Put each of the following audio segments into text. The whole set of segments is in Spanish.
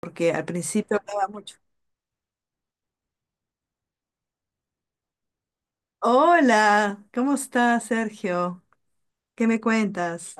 Porque al principio hablaba mucho. Hola, ¿cómo estás, Sergio? ¿Qué me cuentas?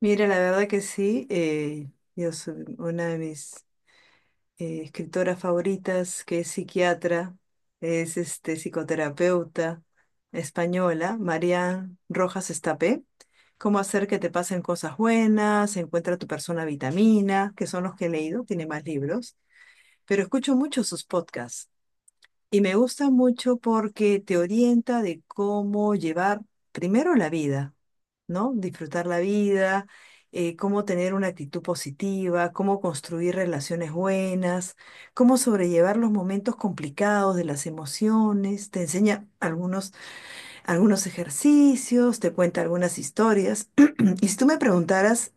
Mira, la verdad que sí, yo soy una de mis escritoras favoritas, que es psiquiatra, es este, psicoterapeuta española, Marian Rojas Estapé. Cómo hacer que te pasen cosas buenas, encuentra tu persona vitamina, que son los que he leído, tiene más libros, pero escucho mucho sus podcasts. Y me gusta mucho porque te orienta de cómo llevar primero la vida, ¿no? Disfrutar la vida, cómo tener una actitud positiva, cómo construir relaciones buenas, cómo sobrellevar los momentos complicados de las emociones. Te enseña algunos, algunos ejercicios, te cuenta algunas historias. Y si tú me preguntaras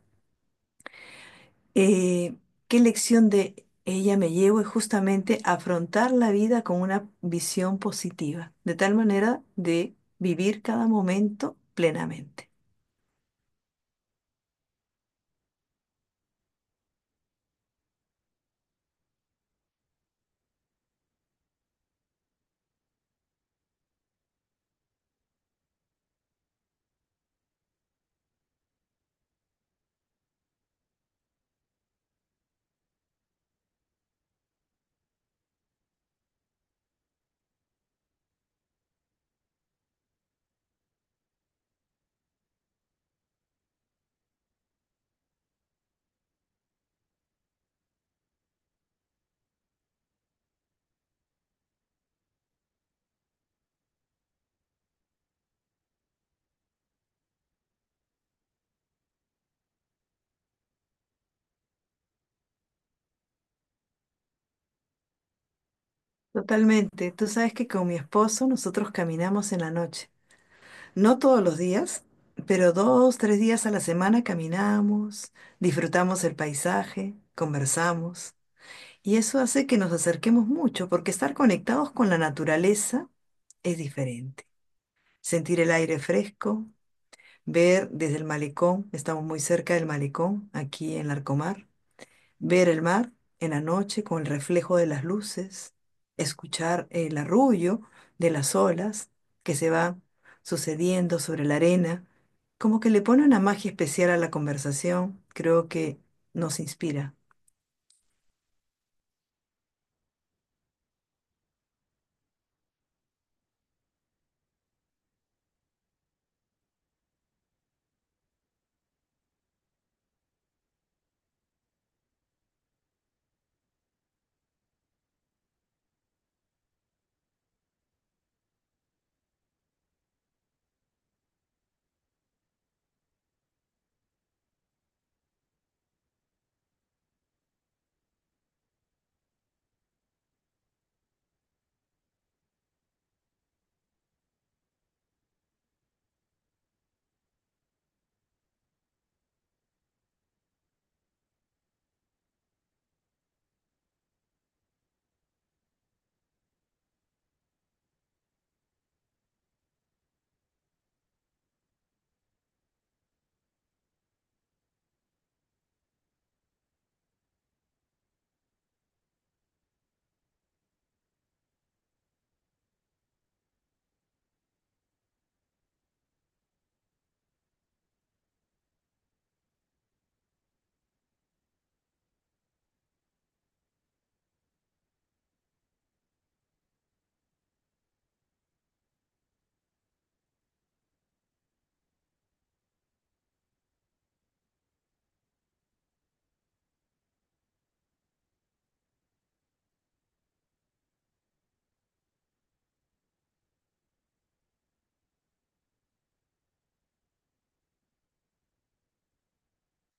eh, ¿qué lección de ella me llevo? Es justamente afrontar la vida con una visión positiva, de tal manera de vivir cada momento plenamente. Totalmente. Tú sabes que con mi esposo nosotros caminamos en la noche. No todos los días, pero dos, tres días a la semana caminamos, disfrutamos el paisaje, conversamos. Y eso hace que nos acerquemos mucho, porque estar conectados con la naturaleza es diferente. Sentir el aire fresco, ver desde el malecón, estamos muy cerca del malecón, aquí en Larcomar, ver el mar en la noche con el reflejo de las luces, escuchar el arrullo de las olas que se van sucediendo sobre la arena, como que le pone una magia especial a la conversación, creo que nos inspira.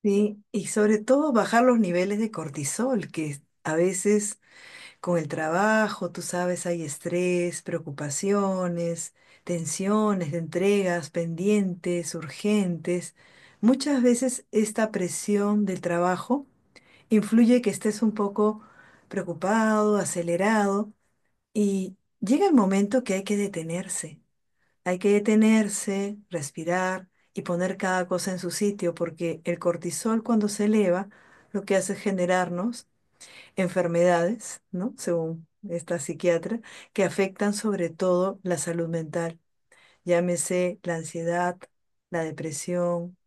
Sí, y sobre todo bajar los niveles de cortisol, que a veces con el trabajo, tú sabes, hay estrés, preocupaciones, tensiones de entregas pendientes, urgentes. Muchas veces esta presión del trabajo influye que estés un poco preocupado, acelerado y llega el momento que hay que detenerse. Hay que detenerse, respirar y poner cada cosa en su sitio porque el cortisol cuando se eleva lo que hace es generarnos enfermedades, ¿no? Según esta psiquiatra, que afectan sobre todo la salud mental. Llámese la ansiedad, la depresión,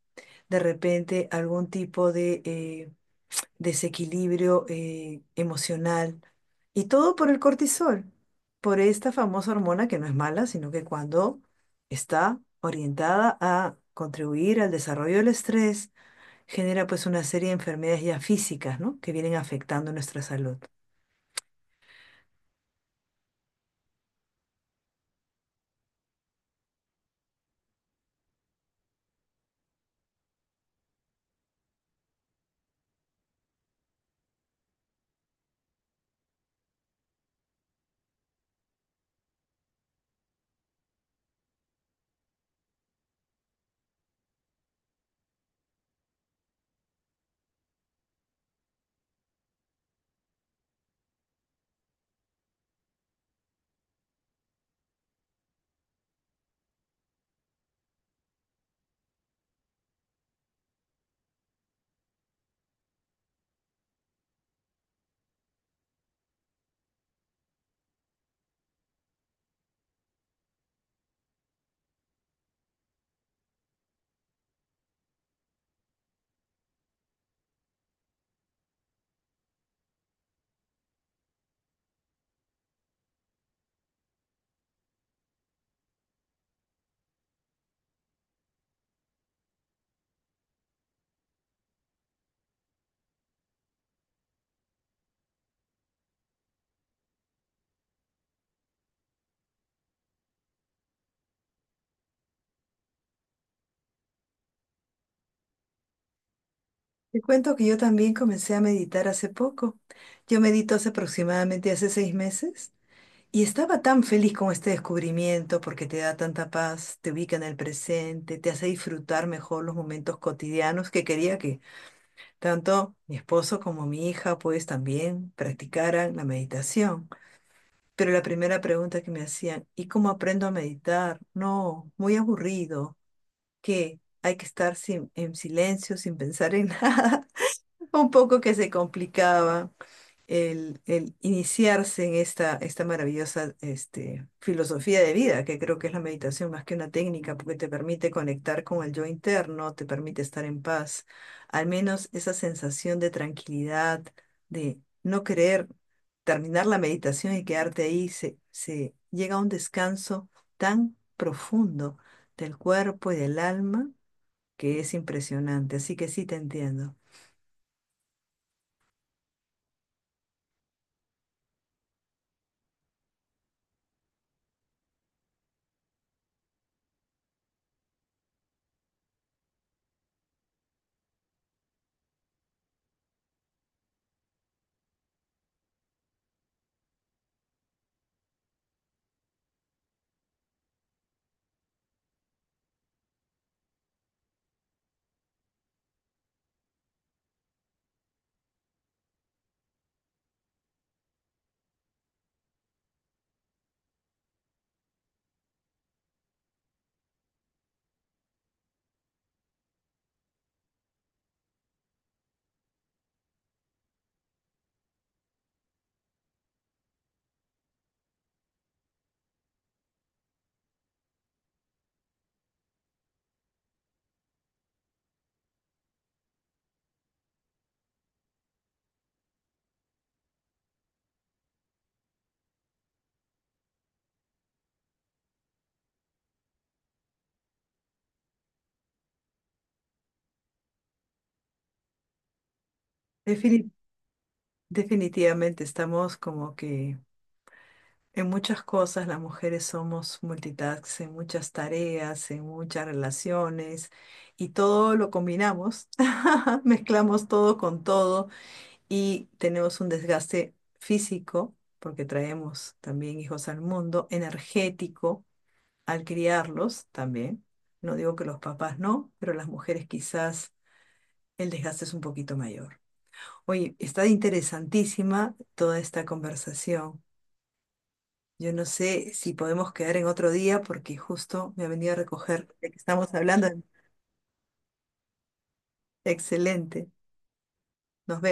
de repente algún tipo de desequilibrio emocional. Y todo por el cortisol, por esta famosa hormona que no es mala, sino que cuando está orientada a contribuir al desarrollo del estrés, genera pues una serie de enfermedades ya físicas, ¿no? Que vienen afectando nuestra salud. Te cuento que yo también comencé a meditar hace poco. Yo medito hace aproximadamente hace 6 meses y estaba tan feliz con este descubrimiento porque te da tanta paz, te ubica en el presente, te hace disfrutar mejor los momentos cotidianos que quería que tanto mi esposo como mi hija pues también practicaran la meditación. Pero la primera pregunta que me hacían, ¿y cómo aprendo a meditar? No, muy aburrido, que hay que estar en silencio, sin pensar en nada. Un poco que se complicaba el iniciarse en esta, esta maravillosa este, filosofía de vida, que creo que es la meditación más que una técnica, porque te permite conectar con el yo interno, te permite estar en paz, al menos esa sensación de tranquilidad, de no querer terminar la meditación y quedarte ahí, se llega a un descanso tan profundo del cuerpo y del alma que es impresionante. Así que sí te entiendo. Definitivamente estamos como que en muchas cosas las mujeres somos multitask, en muchas tareas, en muchas relaciones y todo lo combinamos, mezclamos todo con todo y tenemos un desgaste físico porque traemos también hijos al mundo, energético al criarlos también. No digo que los papás no, pero las mujeres quizás el desgaste es un poquito mayor. Oye, está interesantísima toda esta conversación. Yo no sé si podemos quedar en otro día porque justo me ha venido a recoger de que estamos hablando. Excelente. Nos vemos.